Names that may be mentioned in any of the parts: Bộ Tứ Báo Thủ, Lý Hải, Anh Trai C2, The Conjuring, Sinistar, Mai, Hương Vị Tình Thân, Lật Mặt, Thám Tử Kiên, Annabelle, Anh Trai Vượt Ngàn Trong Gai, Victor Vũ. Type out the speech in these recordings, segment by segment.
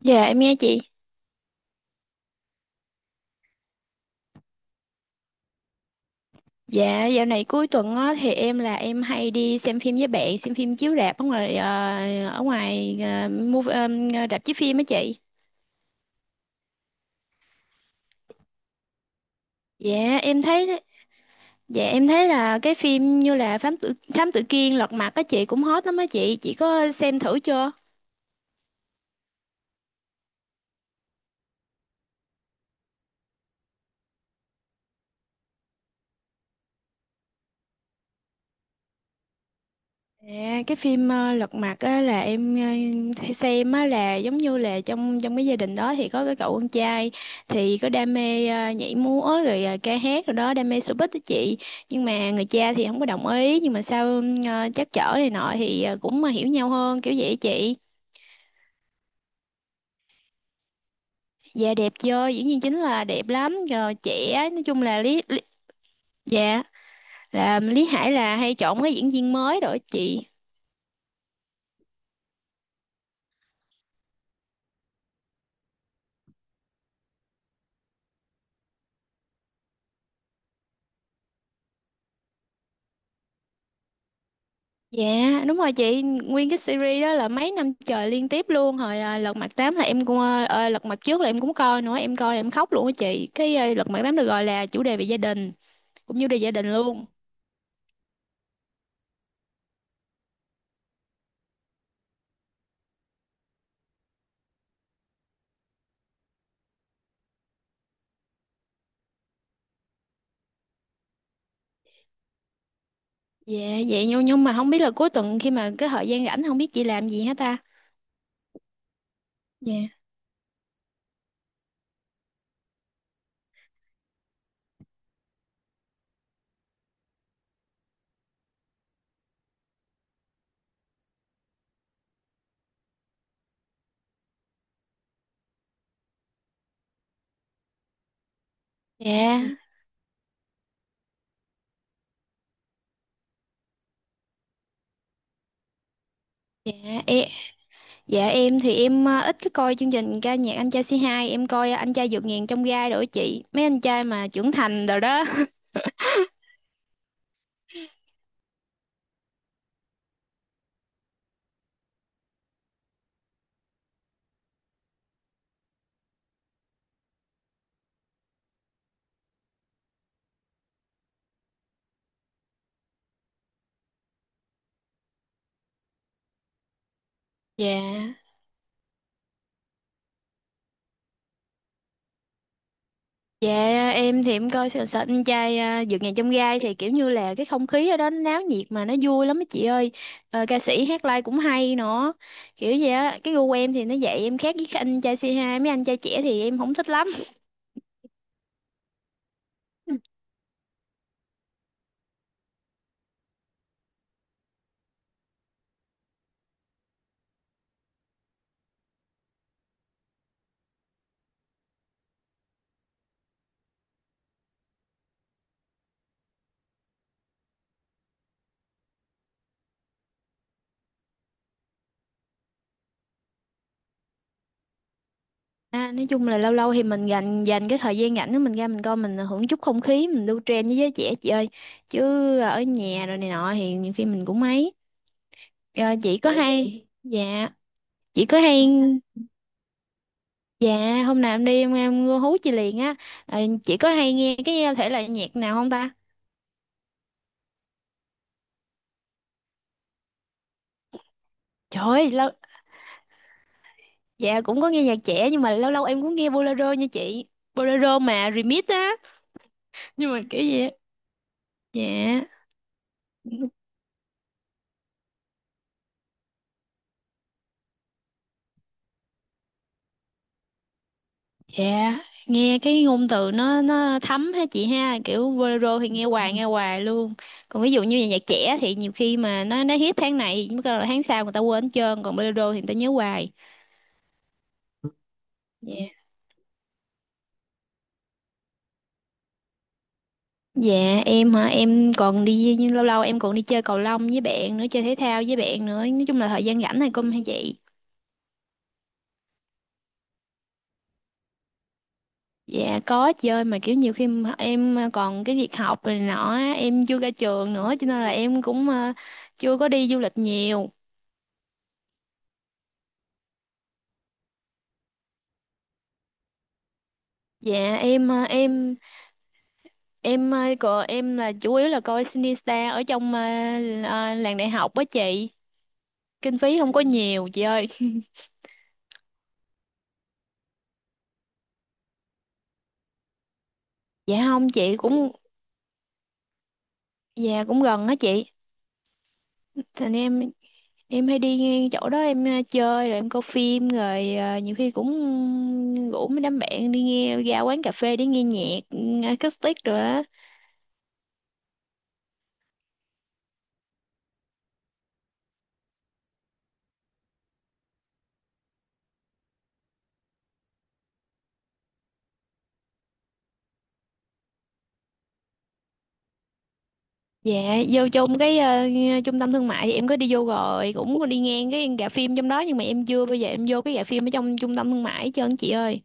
Dạ em nghe chị. Dạ dạo này cuối tuần á, thì em là em hay đi xem phim với bạn, xem phim chiếu rạp ở ngoài ờ, movie, ờ, rạp chiếu phim á chị. Dạ em thấy dạ em thấy là cái phim như là Thám Tử Kiên Lật Mặt á chị, cũng hot lắm á chị. Chị có xem thử chưa? À, cái phim Lật Mặt á là em hay xem á, là giống như là trong trong cái gia đình đó thì có cái cậu con trai thì có đam mê nhảy múa rồi ca hát rồi đó, đam mê showbiz đó chị, nhưng mà người cha thì không có đồng ý, nhưng mà sau trắc trở này nọ thì cũng mà hiểu nhau hơn kiểu vậy á chị. Dạ đẹp chưa, diễn viên chính là đẹp lắm rồi, trẻ, nói chung là lý, lý dạ là Lý Hải là hay chọn cái diễn viên mới rồi á chị. Dạ đúng rồi chị. Nguyên cái series đó là mấy năm trời liên tiếp luôn. Lật Mặt tám là em cũng Lật Mặt trước là em cũng coi nữa. Em coi là em khóc luôn á chị. Lật Mặt 8 được gọi là chủ đề về gia đình. Cũng chủ đề gia đình luôn. Dạ vậy nhưng mà không biết là cuối tuần, khi mà cái thời gian rảnh, không biết chị làm gì hết ta. Dạ. Dạ. Dạ em, dạ em thì em ít cái coi chương trình ca nhạc Anh Trai C2. Em coi Anh Trai Vượt Ngàn Trong Gai rồi á chị. Mấy anh trai mà trưởng thành rồi đó. Dạ. Dạ em thì em coi sợ sợ anh trai vượt ngàn chông gai thì kiểu như là cái không khí ở đó nó náo nhiệt mà nó vui lắm á chị ơi. Ờ, ca sĩ hát live cũng hay nữa, kiểu vậy á. Cái gu của em thì nó vậy, em khác với các anh trai C2, mấy anh trai trẻ thì em không thích lắm. À, nói chung là lâu lâu thì mình dành dành cái thời gian rảnh của mình ra, mình coi, mình hưởng chút không khí, mình lưu trend với giới trẻ chị ơi, chứ ở nhà rồi này nọ thì nhiều khi mình cũng mấy. Ờ, chị có hay dạ chị có hay Dạ, hôm nào em đi em hú chị liền á. Ờ, chị có hay nghe cái thể loại nhạc nào không ta? Trời ơi, dạ cũng có nghe nhạc trẻ, nhưng mà lâu lâu em cũng nghe bolero nha chị. Bolero mà remix á. Nhưng mà kiểu gì á? Dạ. Dạ, nghe cái ngôn từ nó thấm ha chị ha, kiểu bolero thì nghe hoài luôn. Còn ví dụ như là nhạc trẻ thì nhiều khi mà nó hit tháng này, mới là tháng sau người ta quên hết trơn, còn bolero thì người ta nhớ hoài. Dạ. Dạ em hả, em còn đi, nhưng lâu lâu em còn đi chơi cầu lông với bạn nữa, chơi thể thao với bạn nữa. Nói chung là thời gian rảnh này cũng hay vậy. Dạ có chơi, mà kiểu nhiều khi mà em còn cái việc học này nọ á, em chưa ra trường nữa, cho nên là em cũng chưa có đi du lịch nhiều. Dạ còn em là chủ yếu là coi Sinistar ở trong làng đại học á chị. Kinh phí không có nhiều chị ơi. Dạ không chị, cũng dạ, cũng gần á chị. Thành em hay đi ngang chỗ đó, em chơi rồi em coi phim rồi nhiều khi cũng rủ mấy đám bạn đi nghe, ra quán cà phê để nghe nhạc acoustic rồi á. Dạ, vô trong cái trung tâm thương mại thì em có đi vô rồi, cũng có đi ngang cái rạp phim trong đó, nhưng mà em chưa bao giờ em vô cái rạp phim ở trong trung tâm thương mại hết trơn chị ơi.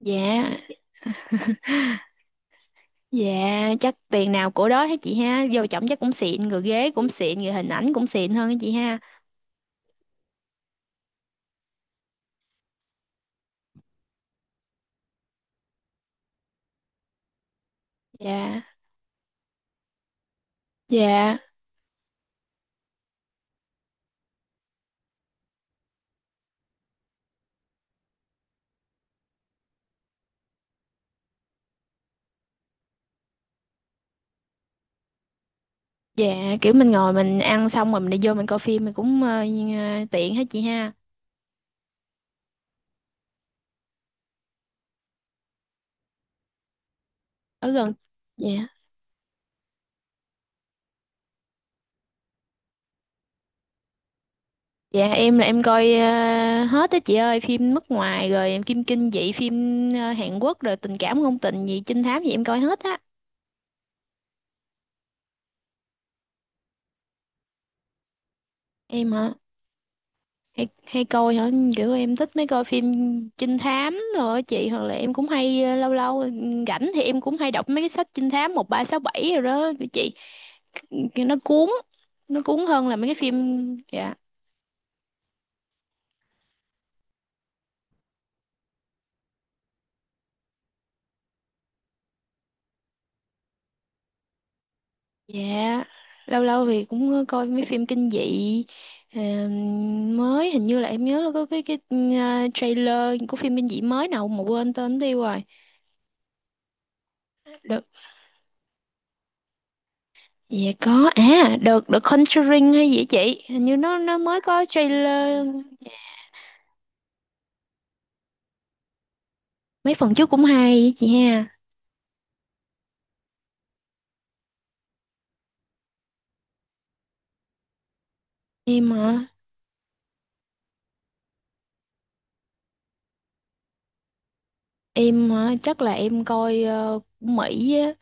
Dạ, dạ chắc tiền nào của đó hết chị ha, vô trọng chắc cũng xịn rồi, ghế cũng xịn rồi, hình ảnh cũng xịn hơn á chị ha. Dạ, dạ. Dạ kiểu mình ngồi mình ăn xong rồi mình đi vô mình coi phim mình cũng như- tiện hết chị ha. Ở gần. Dạ. Dạ em là em coi hết á chị ơi, phim nước ngoài rồi em kim kinh dị, phim Hàn Quốc rồi tình cảm ngôn tình gì, trinh thám gì em coi hết á. Em hả? Hay, hay coi hả? Kiểu em thích mấy coi phim trinh thám rồi á chị, hoặc là em cũng hay lâu lâu rảnh thì em cũng hay đọc mấy cái sách trinh thám 1367 rồi đó chị. Cái- Nó cuốn, nó cuốn hơn là mấy cái phim dạ. Dạ, lâu lâu thì cũng coi mấy phim kinh dị ờ, mới, hình như là em nhớ là có cái trailer của phim kinh dị mới nào mà quên tên đi rồi. Được. Dạ có được The Conjuring hay gì á chị? Hình như nó mới có trailer. Mấy phần trước cũng hay á chị ha. Em hả? Em hả? Chắc là em coi của Mỹ á,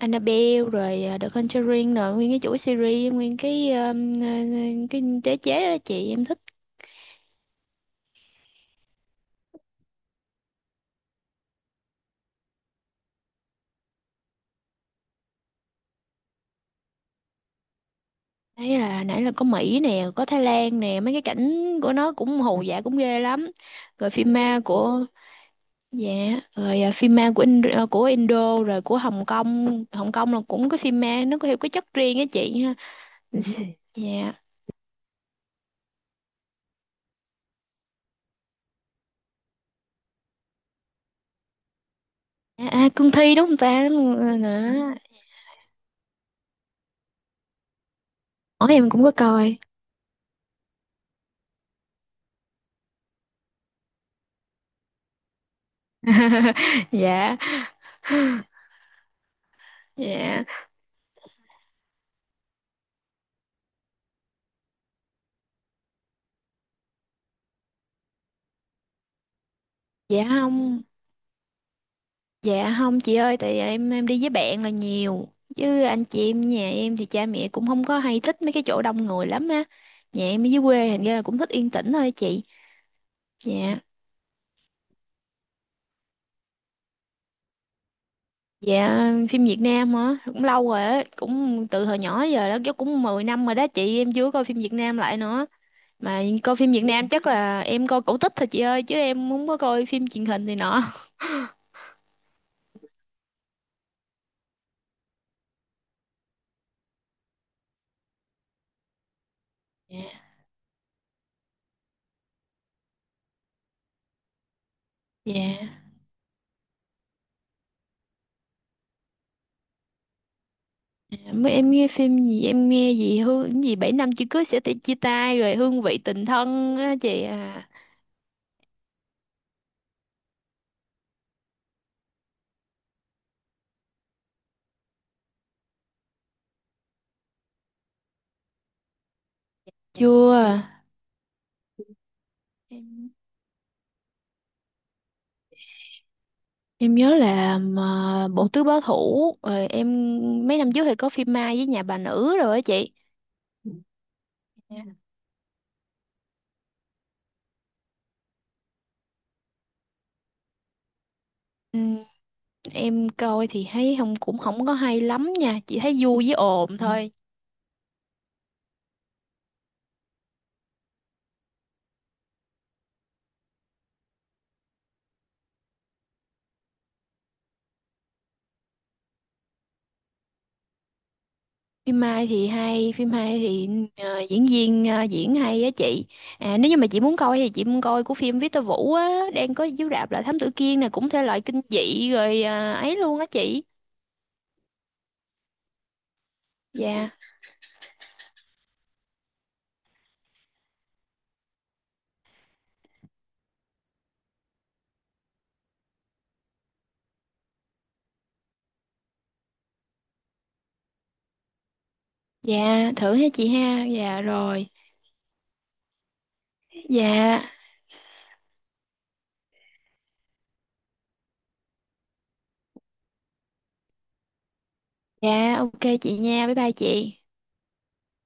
Annabelle rồi The Conjuring rồi nguyên cái chuỗi series, nguyên ờ, cái đế chế đó chị em thích. Nãy là Có Mỹ nè, có Thái Lan nè, mấy cái cảnh của nó cũng hồ dã cũng ghê lắm. Rồi phim ma của Dạ rồi, phim ma của Indo rồi của Hồng Kông. Hồng Kông là cũng cái phim ma nó có theo cái chất riêng á chị ha. Dạ. Cương thi đúng không ta. Đó. Hỏi em cũng có coi. Dạ, dạ, dạ. Không, dạ không chị ơi, tại em đi với bạn là nhiều. Chứ anh chị em nhà em thì cha mẹ cũng không có hay thích mấy cái chỗ đông người lắm á. Nhà em ở dưới quê, thành ra là cũng thích yên tĩnh thôi chị. Dạ. Dạ phim Việt Nam hả? Cũng lâu rồi á, cũng từ hồi nhỏ giờ đó, chứ cũng 10 năm rồi đó chị, em chưa coi phim Việt Nam lại nữa. Mà coi phim Việt Nam chắc là em coi cổ tích thôi chị ơi, chứ em không có coi phim truyền hình thì nọ. Dạ. Dạ. À, mới em nghe phim gì em nghe gì hương cái gì 7 năm chưa cưới sẽ chia tay rồi hương vị tình thân á chị. Chưa em em nhớ là mà bộ tứ báo thủ rồi mấy năm trước thì có phim Mai với Nhà Bà Nữ rồi á chị. Dạ. Ừm, em coi thì thấy không, cũng không có hay lắm nha, chỉ thấy vui với ồn thôi. Phim hay thì diễn viên diễn hay á chị. À, nếu như mà chị muốn coi của phim Victor Vũ á đang có chiếu rạp là Thám Tử Kiên nè, cũng thể loại kinh dị rồi ấy luôn á chị. Dạ. Dạ thử ha chị ha, dạ rồi. Dạ, dạ, ok chị nha, bye bye chị.